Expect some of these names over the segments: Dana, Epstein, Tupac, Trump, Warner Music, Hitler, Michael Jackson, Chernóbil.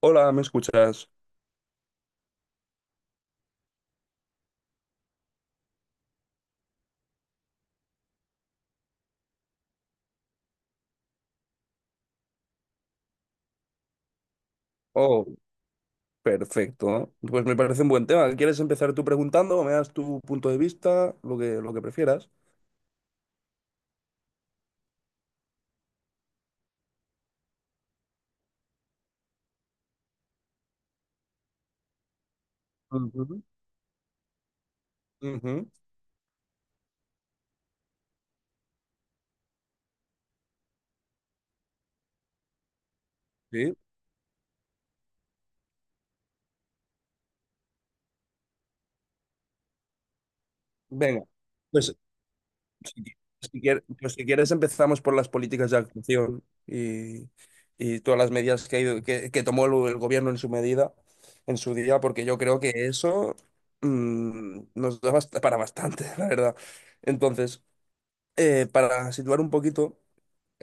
Hola, ¿me escuchas? Oh, perfecto. Pues me parece un buen tema. ¿Quieres empezar tú preguntando o me das tu punto de vista, lo que prefieras? Ujú. Ujú, sí. Venga, pues si, qui- si quieres empezamos por las políticas de actuación y todas las medidas que, ha ido- que tomó el gobierno en su medida, en su día, porque yo creo que eso nos da para bastante, la verdad. Entonces, para situar un poquito.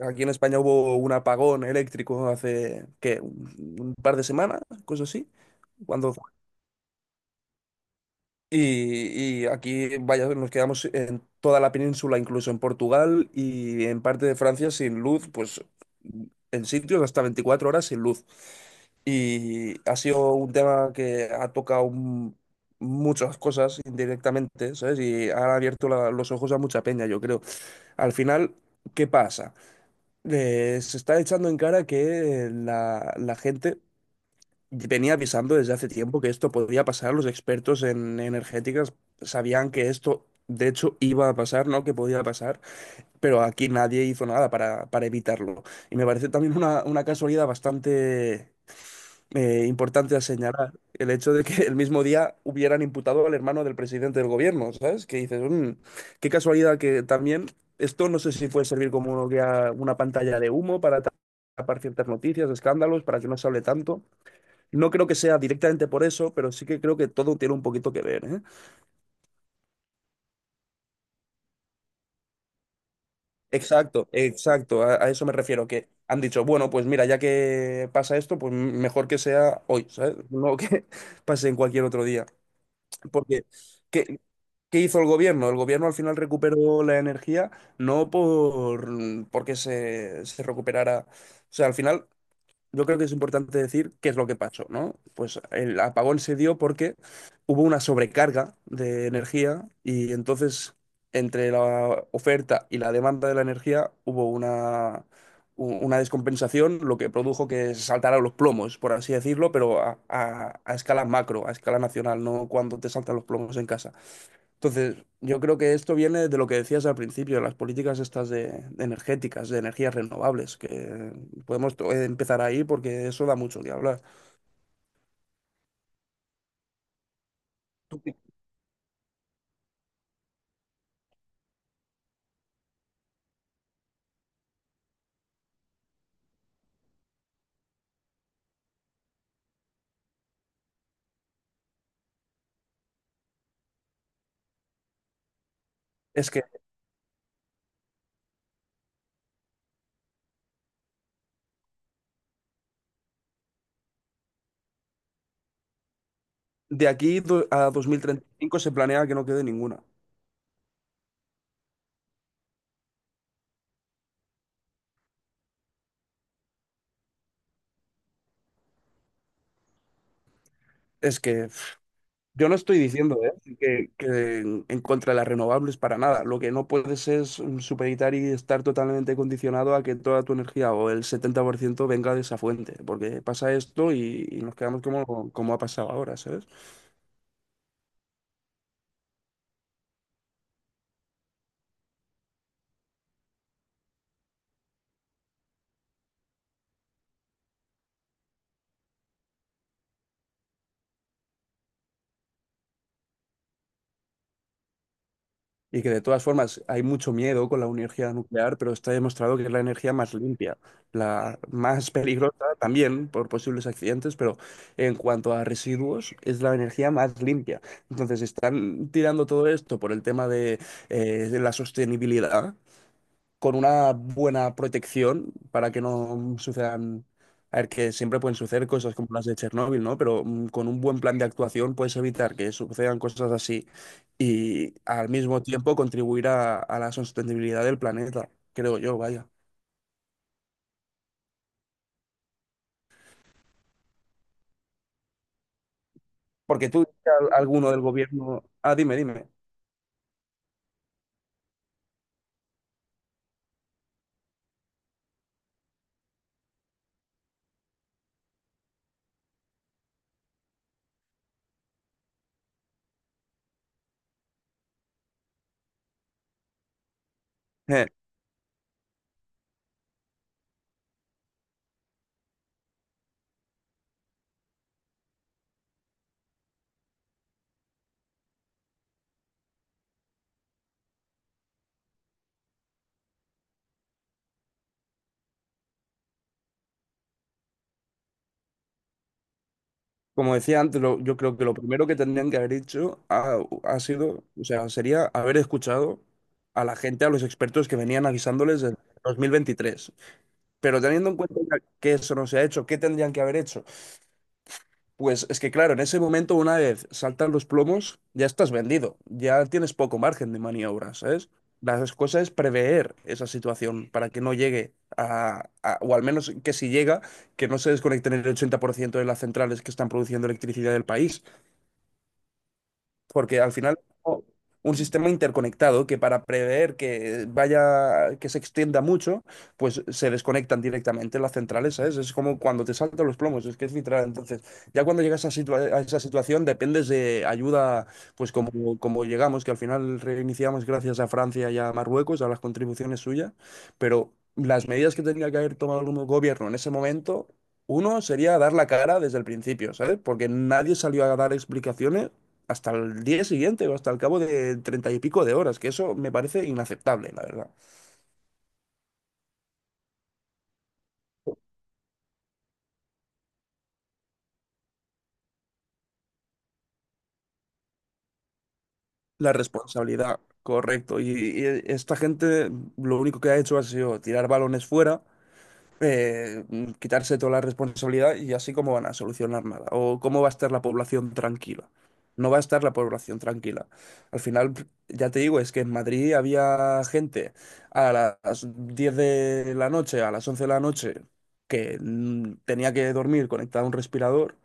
Aquí en España hubo un apagón eléctrico hace, ¿qué? Un par de semanas, cosas así. Cuando, y aquí, vaya, nos quedamos en toda la península, incluso en Portugal y en parte de Francia sin luz, pues en sitios hasta 24 horas sin luz. Y ha sido un tema que ha tocado muchas cosas indirectamente, ¿sabes? Y ha abierto los ojos a mucha peña, yo creo. Al final, ¿qué pasa? Se está echando en cara que la gente venía avisando desde hace tiempo que esto podía pasar. Los expertos en energéticas sabían que esto, de hecho, iba a pasar, no que podía pasar, pero aquí nadie hizo nada para evitarlo. Y me parece también una casualidad bastante importante a señalar el hecho de que el mismo día hubieran imputado al hermano del presidente del gobierno, ¿sabes? Que dices, "Mm, qué casualidad que también esto no sé si puede servir como una pantalla de humo para tapar ciertas noticias, escándalos, para que no se hable tanto. No creo que sea directamente por eso, pero sí que creo que todo tiene un poquito que ver, ¿eh? Exacto, exacto, a eso me refiero, que han dicho, bueno, pues mira, ya que pasa esto, pues mejor que sea hoy, ¿sabes? No que pase en cualquier otro día, porque... Que, ¿Qué hizo el gobierno? El gobierno al final recuperó la energía, no por mm, porque se recuperara. O sea, al final yo creo que es importante decir qué es lo que pasó, ¿no? Pues el apagón se dio porque hubo una sobrecarga de energía y entonces entre la oferta y la demanda de la energía hubo una descompensación, lo que produjo que se saltaran los plomos, por así decirlo, pero a escala macro, a escala nacional, no cuando te saltan los plomos en casa. Entonces, yo creo que esto viene de lo que decías al principio, las políticas estas de energéticas, de energías renovables, que empezar ahí porque eso da mucho que hablar. ¿Tú qué- Es que de a 2035 se planea que no quede ninguna. Es que pf, yo no estoy diciendo, ¿eh? Que en contra de las renovables para nada. Lo que no puedes es supeditar y estar totalmente condicionado a que toda tu energía o el 70% venga de esa fuente, porque pasa esto y nos quedamos como, como ha pasado ahora, ¿sabes? Y que de todas formas hay mucho miedo con la energía nuclear, pero está demostrado que es la energía más limpia, la más peligrosa también por posibles accidentes, pero en cuanto a residuos es la energía más limpia. Entonces están tirando todo esto por el tema de la sostenibilidad, con una buena protección para que no sucedan, a ver, que siempre pueden suceder cosas como las de Chernóbil, ¿no? Pero con un buen plan de actuación puedes evitar que sucedan cosas así y al mismo tiempo contribuir a la sostenibilidad del planeta, creo yo, vaya. Porque tú, alguno del gobierno... Ah, dime, dime. Eh, Como decía antes, yo creo que lo primero que tendrían que haber ha sido, o sea, sería haber escuchado a la gente, a los expertos que venían avisándoles desde 2023. Pero teniendo en cuenta que eso no se ha hecho, ¿qué tendrían que haber hecho? Pues es que claro, en ese momento una vez saltan los plomos, ya estás vendido, ya tienes poco margen de maniobra, ¿sabes? Las cosas es prever esa situación para que no o al menos que si llega, que no se desconecten el 80% de las centrales que están produciendo electricidad del país porque al final un sistema interconectado que para prever que vaya, que se extienda mucho, pues se desconectan directamente las centrales, ¿sabes? Es como cuando te saltan los plomos, es que es literal. Entonces, ya cuando a esa situación, dependes de ayuda, pues como, como llegamos, que al final reiniciamos gracias a Francia y a Marruecos, a las contribuciones suyas, pero las medidas que tenía que haber tomado el gobierno en ese momento... Uno sería dar la cara desde el principio, ¿sabes? Porque nadie salió a dar explicaciones hasta el día siguiente o hasta el cabo de treinta y pico de horas, que eso me parece inaceptable, la verdad. La responsabilidad, correcto. Y esta gente lo único que ha hecho ha sido tirar balones fuera quitarse toda la responsabilidad y así cómo van a solucionar nada. O cómo va a estar la población tranquila. No va a estar la población tranquila. Al final, ya te digo, es que en Madrid había gente a las 10 de la noche, a las 11 de la noche, que tenía que dormir conectada a un respirador,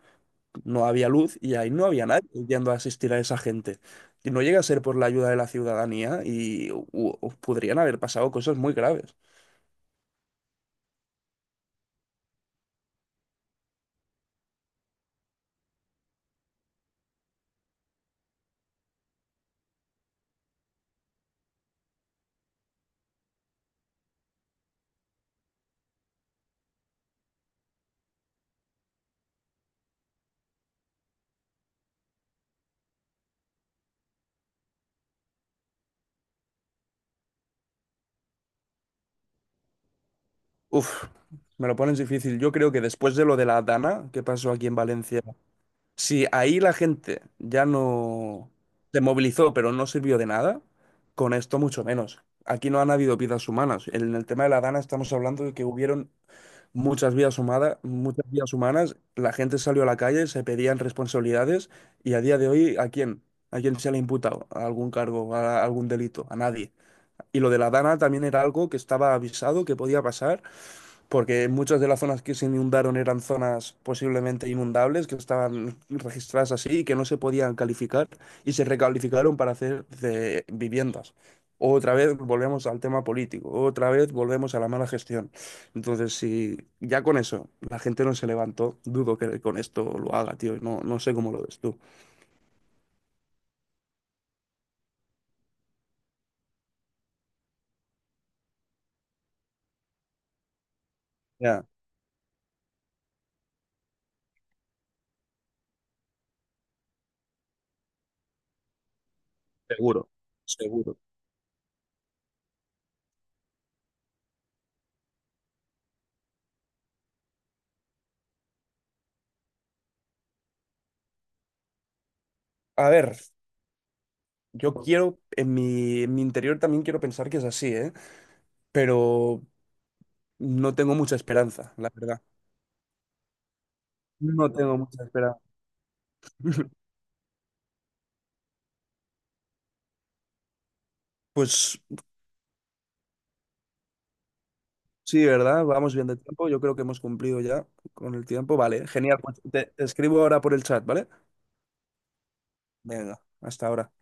no había luz y ahí no había nadie yendo a asistir a esa gente. Y no llega a ser por la ayuda de la ciudadanía y podrían haber pasado cosas muy graves. Uf, me lo pones difícil. Yo creo que después de lo de la Dana que pasó aquí en Valencia, si ahí la gente ya no se movilizó, pero no sirvió de nada, con esto mucho menos. Aquí no han habido vidas humanas. En el tema de la Dana estamos hablando de que hubieron muchas vidas humanas, la gente salió a la calle, se pedían responsabilidades y a día de hoy, ¿a quién? ¿A quién se le ha imputado a algún cargo, a algún delito? A nadie. Y lo de la Dana también era algo que estaba avisado que podía pasar porque muchas de las zonas que se inundaron eran zonas posiblemente inundables, que estaban registradas así y que no se podían calificar y se recalificaron para hacer de viviendas. Otra vez volvemos al tema político, otra vez volvemos a la mala gestión. Entonces, si ya con eso la gente no se levantó, dudo que con esto lo haga, tío. No, no sé cómo lo ves tú. Ya, seguro, seguro. A ver, yo quiero, en mi interior también quiero pensar que es así, ¿eh? Pero no tengo mucha esperanza, la verdad. No tengo mucha esperanza. Pues sí, ¿verdad? Vamos bien de tiempo. Yo creo que hemos cumplido ya con el tiempo. Vale, genial. Pues te escribo ahora por el chat, ¿vale? Venga, hasta ahora.